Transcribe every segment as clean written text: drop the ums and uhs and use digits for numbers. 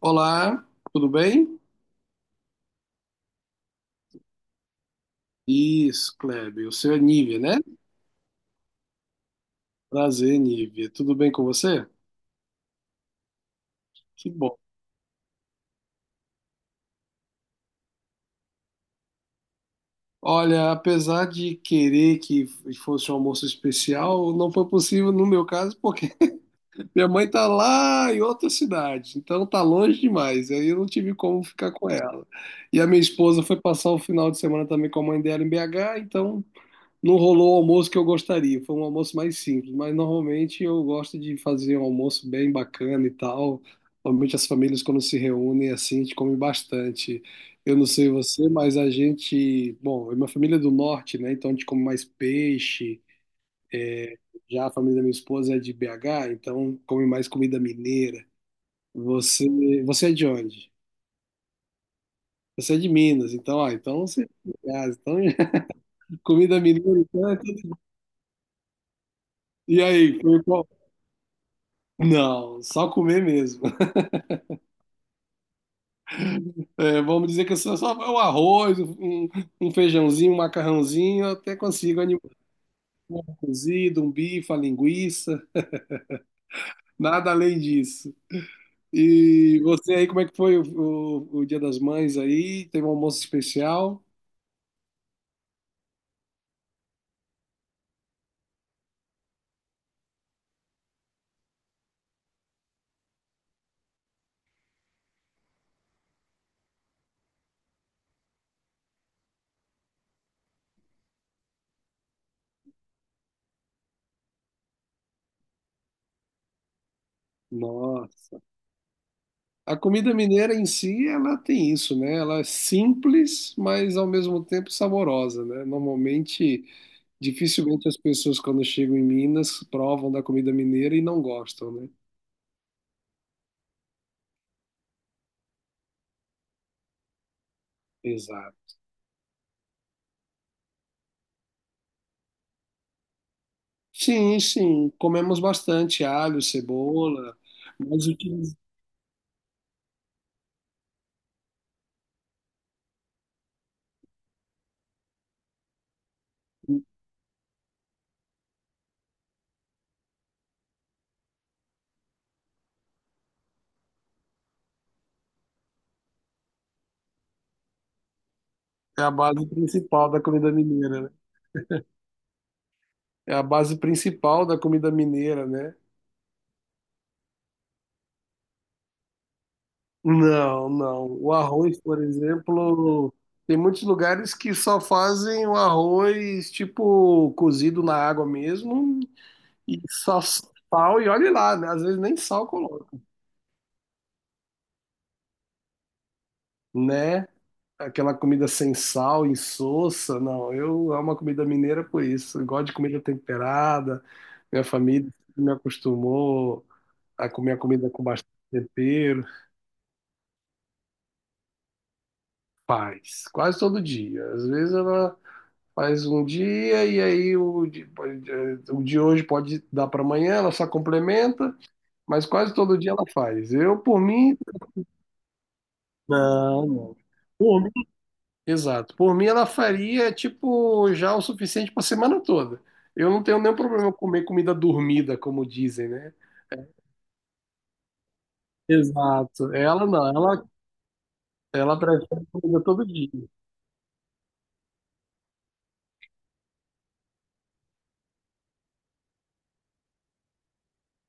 Olá, tudo bem? Isso, Kleber, o seu é Nívia, né? Prazer, Nívia. Tudo bem com você? Que bom. Olha, apesar de querer que fosse um almoço especial, não foi possível no meu caso, porque minha mãe tá lá em outra cidade, então tá longe demais, aí eu não tive como ficar com ela. E a minha esposa foi passar o final de semana também com a mãe dela em BH, então não rolou o almoço que eu gostaria, foi um almoço mais simples, mas normalmente eu gosto de fazer um almoço bem bacana e tal. Normalmente as famílias quando se reúnem assim, a gente come bastante. Eu não sei você, mas a gente, bom, minha família é do norte, né? Então a gente come mais peixe. Já a família da minha esposa é de BH, então come mais comida mineira. Você, você é de onde? Você é de Minas, então, ah, então você é de casa, então comida mineira, então é tudo. E aí, foi qual? Não, só comer mesmo. É, vamos dizer que eu só um arroz, um feijãozinho, um macarrãozinho, eu até consigo animal cozido, um bife, uma linguiça, nada além disso. E você aí, como é que foi o Dia das Mães aí? Teve um almoço especial? Nossa. A comida mineira em si, ela tem isso, né? Ela é simples, mas ao mesmo tempo saborosa, né? Normalmente, dificilmente as pessoas quando chegam em Minas provam da comida mineira e não gostam, né? Exato. Sim, sim, comemos bastante alho, cebola, mas o que é a base principal da comida mineira, né? É a base principal da comida mineira, né? Não, não. O arroz, por exemplo, tem muitos lugares que só fazem o arroz tipo cozido na água mesmo e só sal e olhe lá, né? Às vezes nem sal coloca, né, aquela comida sem sal, insossa, não. Eu amo a comida mineira por isso. Eu gosto de comida temperada. Minha família me acostumou a comer a comida com bastante tempero. Faz, quase todo dia. Às vezes ela faz um dia e aí o de hoje pode dar para amanhã, ela só complementa, mas quase todo dia ela faz. Eu, por mim, não, não. Por Exato. Por mim, ela faria, tipo, já o suficiente para semana toda. Eu não tenho nenhum problema em comer comida dormida, como dizem, né? Exato. Ela não, ela prefere comida todo dia.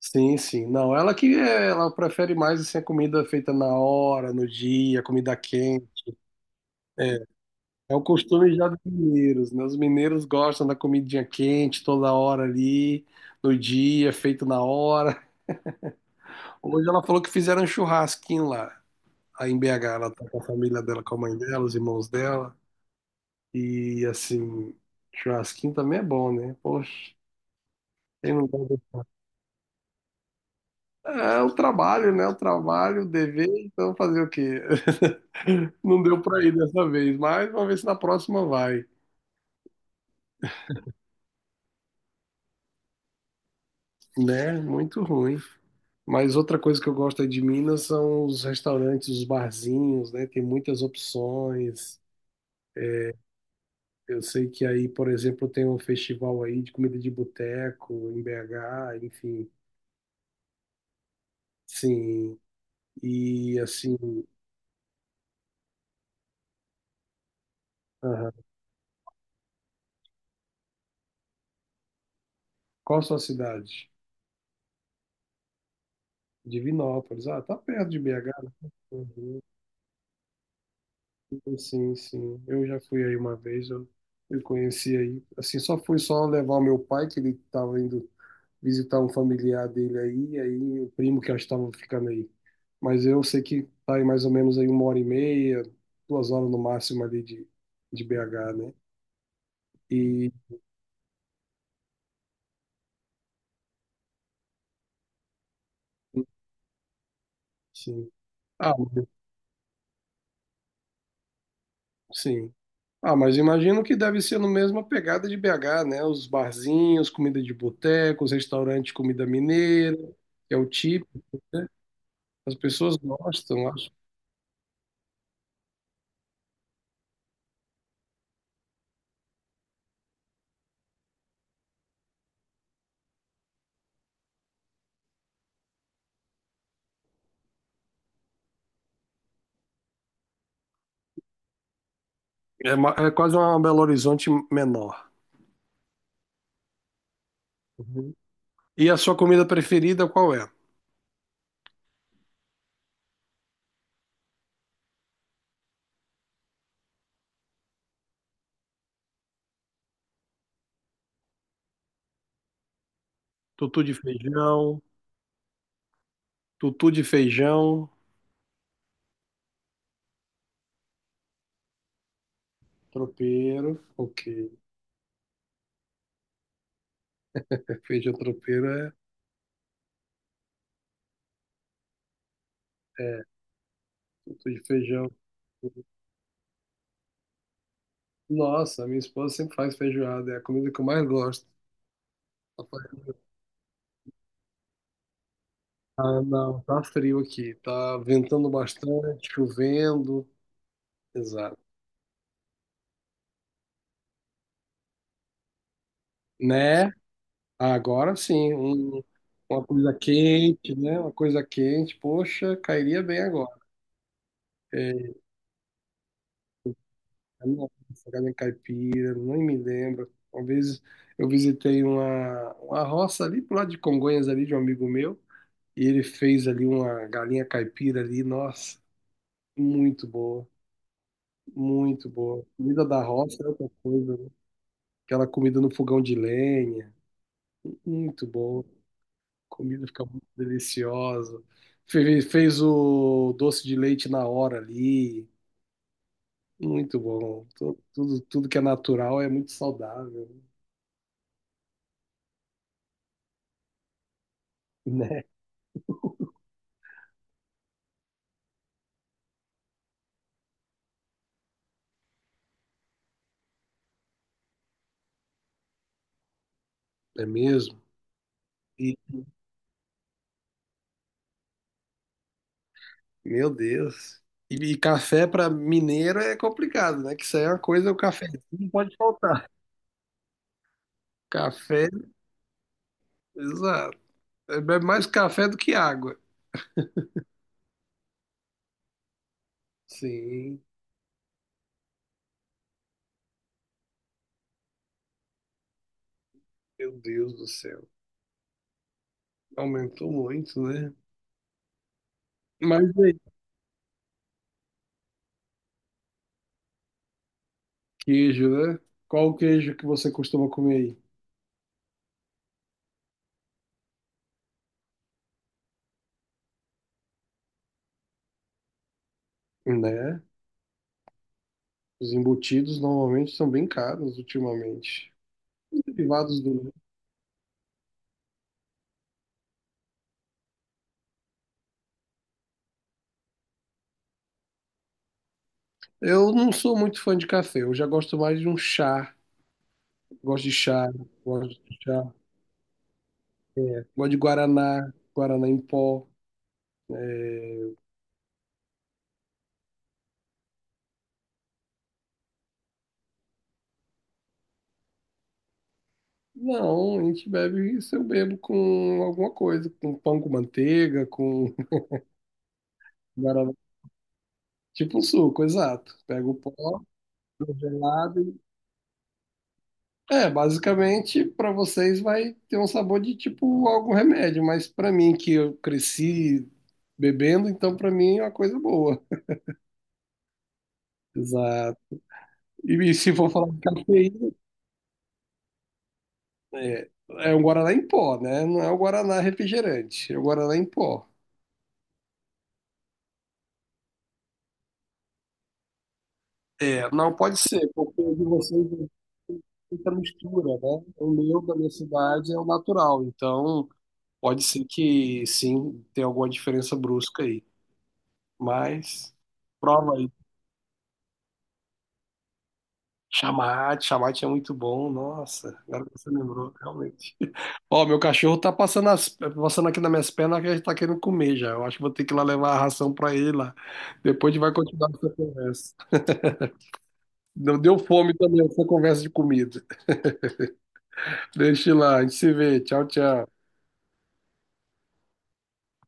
Sim, sim. Não, ela que ela prefere mais assim, a comida feita na hora, no dia, comida quente. É, é o costume já dos mineiros, né? Os mineiros gostam da comidinha quente toda hora ali, no dia, feito na hora. Hoje ela falou que fizeram um churrasquinho lá. Aí em BH ela tá com a família dela, com a mãe dela, os irmãos dela. E assim, churrasquinho também é bom, né? Poxa, quem não gosta? É o trabalho, né? O trabalho, o dever, então fazer o quê? Não deu pra ir dessa vez, mas vamos ver se na próxima vai, né? Muito ruim. Mas outra coisa que eu gosto aí de Minas são os restaurantes, os barzinhos, né? Tem muitas opções. Eu sei que aí, por exemplo, tem um festival aí de comida de boteco em BH, enfim. Sim, e assim, aham. Qual a sua cidade? Divinópolis. Ah, tá perto de BH, né? Uhum. Sim, sim. Eu já fui aí uma vez, eu conheci aí. Assim, só fui só levar o meu pai, que ele estava indo visitar um familiar dele aí, e aí o primo que já estava ficando aí. Mas eu sei que tá aí mais ou menos aí uma hora e meia, duas horas no máximo ali de BH, né? E, sim. Ah, sim. Ah, mas imagino que deve ser no mesmo a pegada de BH, né? Os barzinhos, comida de boteco, os restaurantes de comida mineira, que é o típico, né? As pessoas gostam, acho. É, é quase uma Belo Horizonte menor. Uhum. E a sua comida preferida qual é? Tutu de feijão, tutu de feijão, tropeiro. Ok, é, feijão tropeiro é tutu de feijão. Nossa, minha esposa sempre faz feijoada, é a comida que eu mais gosto. Ah, não, tá frio aqui. Tá ventando bastante, chovendo. Exato. Né? Agora sim, uma coisa quente, né? Uma coisa quente, poxa, cairia bem agora. É, não, farinha caipira, nem me lembro. Uma vez eu visitei uma roça ali pro lado de Congonhas, ali de um amigo meu, e ele fez ali uma galinha caipira ali, nossa, muito boa. Muito boa. Comida da roça é outra coisa, né? Aquela comida no fogão de lenha. Muito bom. A comida fica muito deliciosa. Fez o doce de leite na hora ali. Muito bom. Tudo que é natural é muito saudável, né? É mesmo? E, meu Deus. E café para mineiro é complicado, né? Que isso aí é uma coisa, o café não pode faltar. Café, exato. É bebe mais café do que água. Sim, meu Deus do céu. Aumentou muito, né? Mas é, queijo, né? Qual o queijo que você costuma comer aí? Né? Os embutidos normalmente são bem caros ultimamente. Derivados do. Eu não sou muito fã de café, eu já gosto mais de um chá. Gosto de chá, gosto de chá. Gosto de guaraná, guaraná em pó. Não, a gente bebe isso, eu bebo com alguma coisa, com pão com manteiga, com guaraná. Tipo um suco, exato. Pega o pó, congelado. É, basicamente, para vocês vai ter um sabor de tipo algum remédio, mas para mim que eu cresci bebendo, então para mim é uma coisa boa. Exato. E se for falar de cafeína, é, é um guaraná em pó, né? Não é o guaraná refrigerante, é o guaraná em pó. É, não pode ser, porque o de vocês muita mistura, né? O meu da minha cidade é o natural, então pode ser que sim, tenha alguma diferença brusca aí. Mas prova. Chamate, chamate é muito bom. Nossa, agora que você lembrou, realmente. Ó, meu cachorro tá passando, passando aqui nas minhas pernas que ele tá querendo comer já. Eu acho que vou ter que ir lá levar a ração pra ele lá. Depois a gente vai continuar essa conversa. Deu fome também essa conversa de comida. Deixa eu ir lá, a gente se vê. Tchau, tchau.